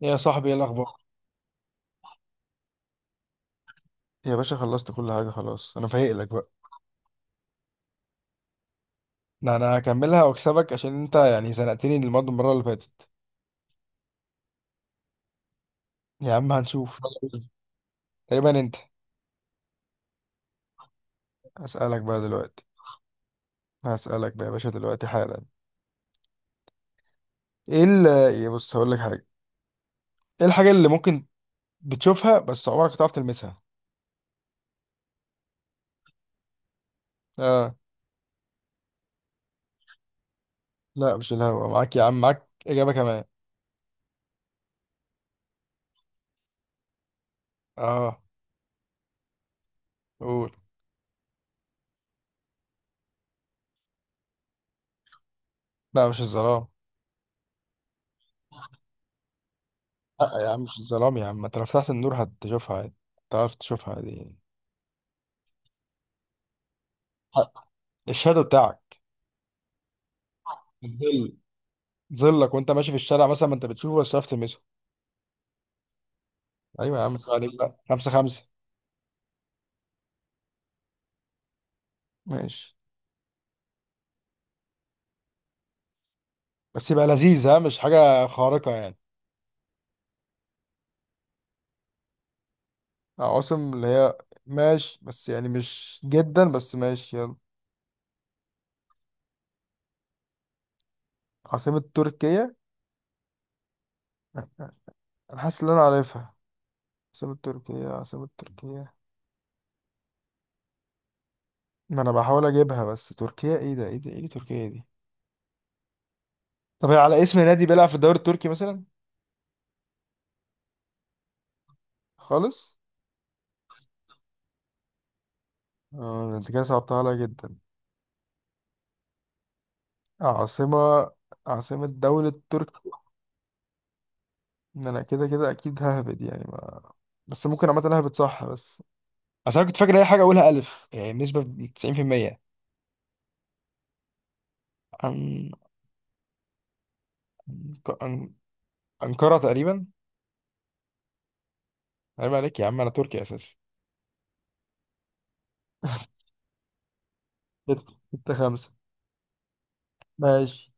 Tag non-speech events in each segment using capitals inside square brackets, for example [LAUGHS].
يا صاحبي، ايه الاخبار؟ يا باشا، خلصت كل حاجة. خلاص، أنا فايق لك بقى. ده انا هكملها واكسبك، عشان انت يعني زنقتني المره اللي فاتت. يا عم هنشوف. تقريبا انت. هسألك بقى دلوقتي. هسألك بقى يا باشا دلوقتي حالا. إيه ال يا بص، هقول لك حاجة. ايه الحاجه اللي ممكن بتشوفها بس عمرك ما تعرف تلمسها؟ اه. لا، مش الهوا. معاك يا عم، معاك اجابه كمان. اه. قول. لا، مش الظلام. لا يا عم مش الظلام، يا عم انت لو فتحت النور هتشوفها عادي. تعرف تشوفها عادي. حق. الشادو بتاعك. الظل. ظلك وانت ماشي في الشارع مثلا ما انت بتشوفه بس مش عارف تلمسه. ايوه يا عم، شكرا عليك بقى. 5-5. ماشي. بس يبقى لذيذ، ها؟ مش حاجة خارقة يعني. عواصم اللي هي؟ ماشي، بس يعني مش جدا، بس ماشي يلا. عاصمة تركيا. انا حاسس ان انا عارفها. عاصمة تركيا، عاصمة تركيا. ما انا بحاول اجيبها، بس تركيا، ايه ده ايه دي تركيا دي. طب هي على اسم نادي بيلعب في الدوري التركي مثلا؟ خالص. اه ده انت كده صعبتها عليا جدا. عاصمة. عاصمة دولة تركيا. ان انا كده كده اكيد ههبد يعني، بس ممكن عامة اهبط صح. بس اصل انا كنت فاكر اي حاجه اقولها الف يعني، بنسبه 90%. عن عن انقره تقريبا. عيب عليك يا عم، انا تركي اساسا. ستة خمسة. ماشي.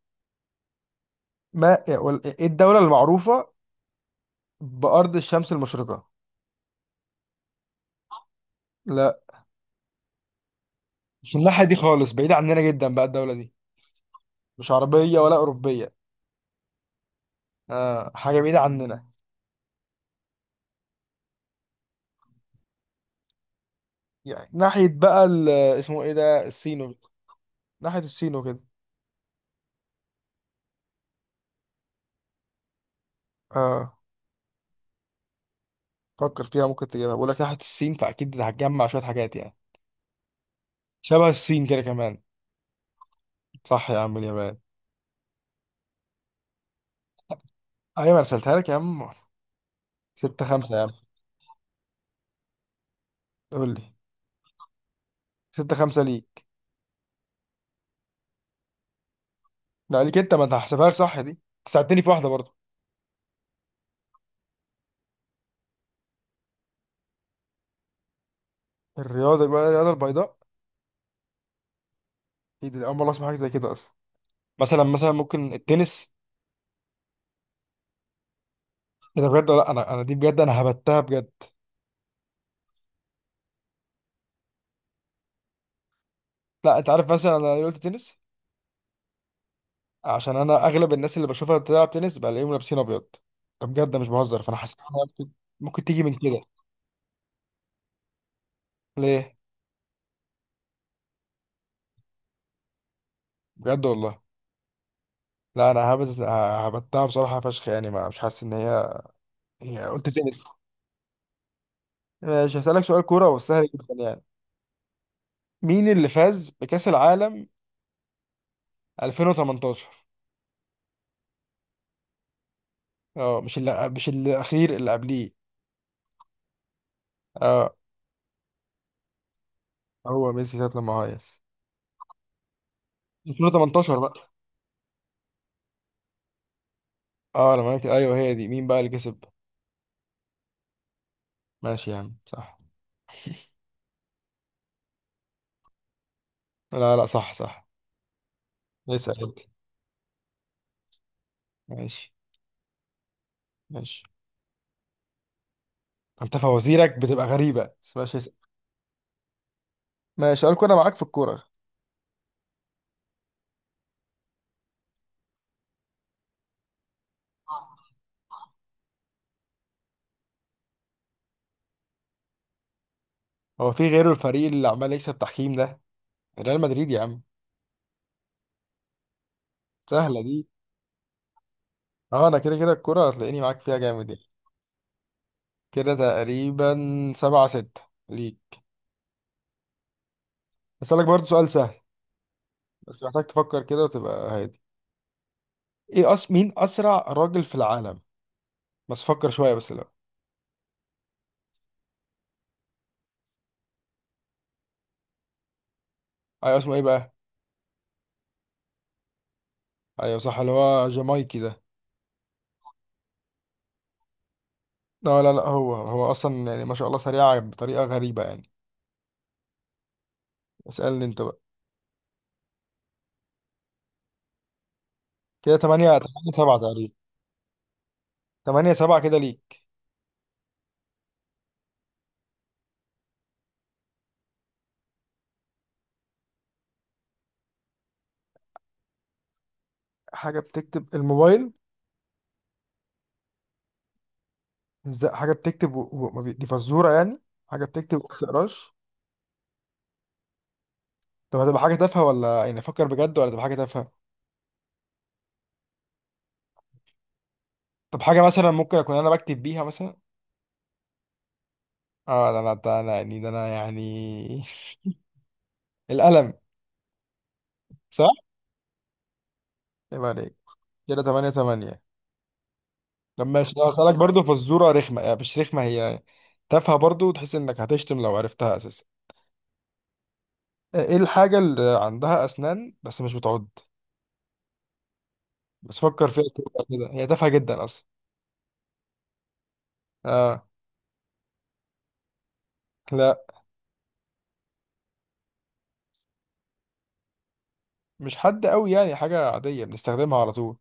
ما إيه الدولة المعروفة بأرض الشمس المشرقة؟ لا. مش الناحيه دي خالص، بعيده عننا جدا بقى الدوله دي. مش عربية ولا أوروبية. آه، حاجه بعيده عننا. يعني ناحية بقى اسمه إيه ده، الصين. ناحية الصين وكده. آه. فكر فيها ممكن تجيبها، بقول لك ناحيه الصين، فاكيد هتجمع شويه حاجات يعني. شبه الصين كده كمان. صح يا عم، اليابان. ايوه انا رسلتها لك يا عم. 6-5 يا عم. قول لي. 6-5 ليك. لا، ليك انت. ما انت هحسبها لك صح دي، ساعدتني في واحده برضه. الرياضه بقى، الرياضه البيضاء. ايه ده، اول مره اسمع حاجه زي كده اصلا. مثلا ممكن التنس. ايه ده بجد ولا لا؟ انا دي بجد، انا هبتها بجد. لا، انت عارف مثلا انا ليه قلت تنس؟ عشان انا اغلب الناس اللي بشوفها بتلعب تنس بلاقيهم لابسين ابيض. ده بجد، ده مش بهزر، فانا حسيت إنها ممكن. ممكن تيجي من كده. ليه؟ بجد والله؟ لا انا هبتها بصراحه فشخ يعني، ما مش حاسس ان هي. هي قلت تاني. ماشي، هسألك سؤال كوره وسهل جدا يعني. مين اللي فاز بكأس العالم 2018؟ اه، مش اللي، مش الاخير، اللي قبليه. اه. هو ميسي ساعه لما هيص. 2018 بقى. اه لما كده، ايوه، هي دي، مين بقى اللي كسب؟ ماشي يا عم صح. لا لا، صح صح. اسأل انت. ماشي. ماشي. انت فوازيرك بتبقى غريبه، بس ماشي اسأل. ماشي، سؤال كوره، معاك في الكوره. هو في غيره الفريق اللي عمال يكسب تحكيم ده؟ ريال مدريد يا عم. سهلة دي. اه، انا كده كده الكرة هتلاقيني معاك فيها جامد يعني. كده تقريبا. 7-6 ليك. اسألك برضو سؤال سهل، بس محتاج تفكر كده وتبقى هادي. مين اسرع راجل في العالم؟ بس فكر شوية بس لو. ايوه، اسمه ايه بقى؟ ايوه صح، اللي هو جامايكي ده. لا لا لا، هو اصلا يعني ما شاء الله سريع بطريقة غريبة يعني. اسألني انت بقى. كده تمانية سبعة تقريبا. 8-7 كده ليك. حاجة بتكتب الموبايل. ازاي حاجة بتكتب و... و... ما بي- دي فزورة يعني. حاجة بتكتب وما بتقراش. طب هتبقى حاجة تافهة ولا يعني أفكر بجد، ولا تبقى حاجة تافهة؟ طب حاجة مثلا ممكن أكون أنا بكتب بيها مثلا؟ آه، ده أنا، ده أنا يعني، ده أنا يعني. [LAUGHS] القلم. صح؟ يبقى عليك. كده 8-8. طب ماشي، ده هسألك برضه فزورة رخمة يعني، مش رخمة هي، تافهة برضه، وتحس إنك هتشتم لو عرفتها أساسا. إيه الحاجة اللي عندها أسنان بس مش بتعض؟ بس فكر فيها كده كده، هي تافهة جدا أصلا. آه. لا، مش حد قوي يعني، حاجة عادية بنستخدمها على طول.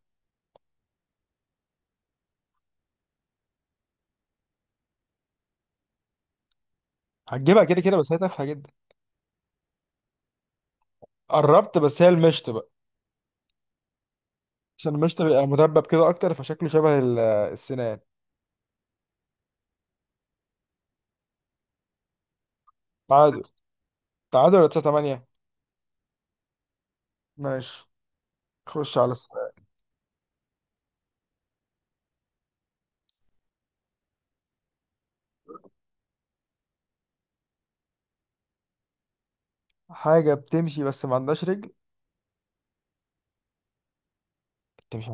هتجيبها كده كده، بس هي تافهة جدا. قربت، بس هي المشط. عشان المشط بيبقى مدبب كده اكتر، فشكله شبه السنان. تعادل. تعادل ولا 9-8. ماشي. خش على السؤال. حاجة بتمشي بس ما عندهاش رجل. بتمشي.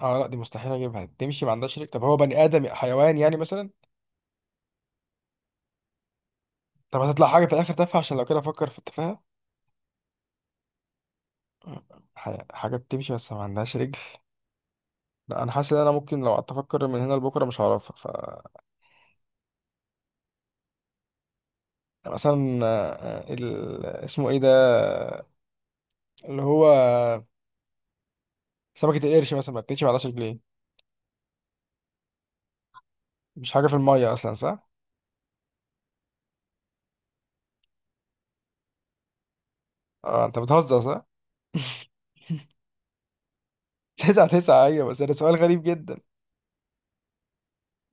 اه، لا دي مستحيل اجيبها. تمشي ما عندهاش رجل، طب هو بني ادم حيوان يعني مثلا؟ طب هتطلع حاجة في الاخر تافهة، عشان لو كده افكر في التفاهة. حاجة بتمشي بس ما عندهاش رجل. لا انا حاسس ان انا ممكن لو قعدت افكر من هنا لبكره مش هعرفها ف. يعني مثلا اسمه ايه ده، اللي هو سمكة القرش مثلا، ما بتمشي ما عندهاش رجلين. مش حاجة في المية اصلا، صح؟ اه، انت بتهزر صح؟ [LAUGHS] 9-9، ايوه، بس ده سؤال غريب جدا.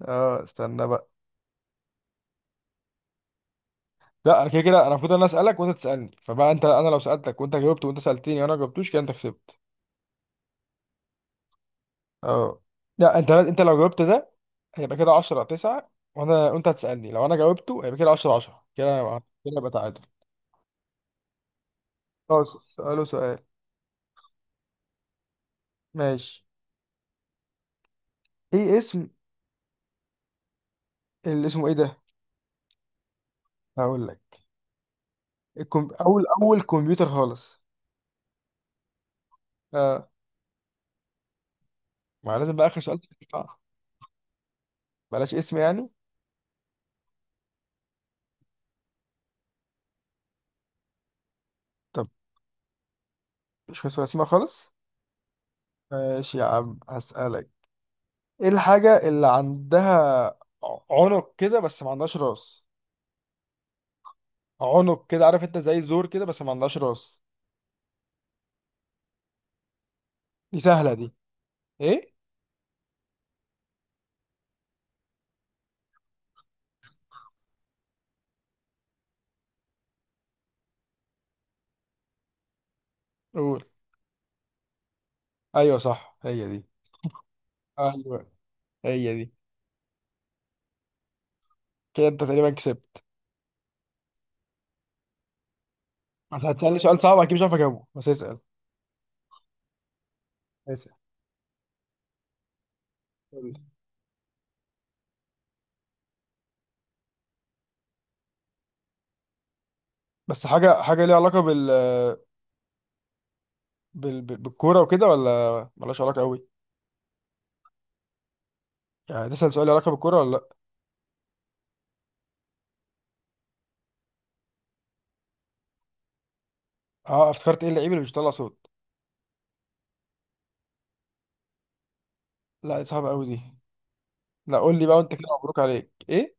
اه استنى بقى. لا انا كده كده، انا المفروض انا اسالك وانت تسالني، فبقى انت، انا لو سالتك وانت جاوبت، وانت سالتني وانا ما جاوبتوش، كده انت كسبت. اه. لا، انت لو جاوبت ده هيبقى كده 10-9. وانا، وانت هتسالني لو انا جاوبته هيبقى كده 10-10. كده يبقى تعادل. خلاص، سأله سؤال. ماشي. ايه اسم، اللي اسمه ايه ده. هقول لك. الكم... اول اول كمبيوتر خالص. اه. ما لازم بقى اخر سؤال. بقى. بلاش اسم يعني. مش فاكر اسمها خالص. ماشي يا عم هسألك. ايه الحاجة اللي عندها عنق كده، بس ما عندهاش راس؟ عنق كده، عارف انت زي زور كده، بس ما عندهاش راس. دي سهلة دي. ايه؟ قول. ايوه صح، هي دي. ايوه، هي دي. كده انت تقريبا كسبت. انت هتسألني سؤال صعب اكيد مش عارف اجاوبه، بس اسأل. اسأل. قول لي. بس حاجة ليها علاقة بالكورة وكده، ولا ملهاش علاقة قوي؟ يعني تسأل سؤال ليه علاقة بالكورة ولا لا. اه افتكرت. ايه اللعيب اللي مش بيطلع صوت؟ لا دي صعبة قوي دي. لا قول لي بقى، وانت كده مبروك عليك. ايه؟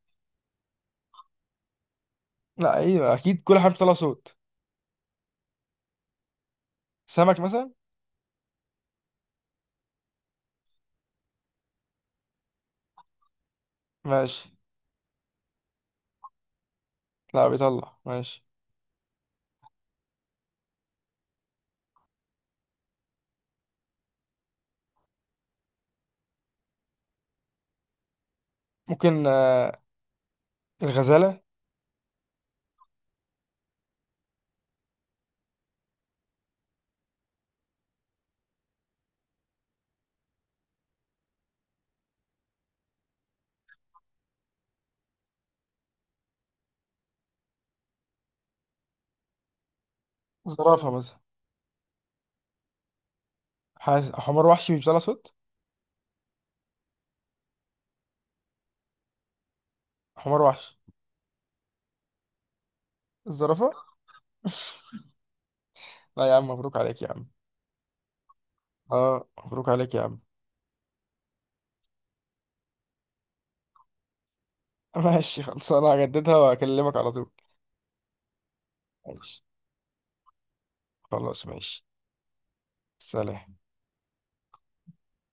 لا ايوه، اكيد كل حاجه بتطلع صوت. سمك مثلا. ماشي. لا، بيطلع. ماشي. ممكن الغزاله. زرافه مثلا. حمار وحشي مش بيطلع صوت. حمار وحشي. الزرافه. لا يا عم، مبروك عليك يا عم. اه، مبروك عليك يا عم. [LAUGHS] ماشي خلاص، انا هجددها واكلمك على طول. ماشي. خلاص ماشي. سلام.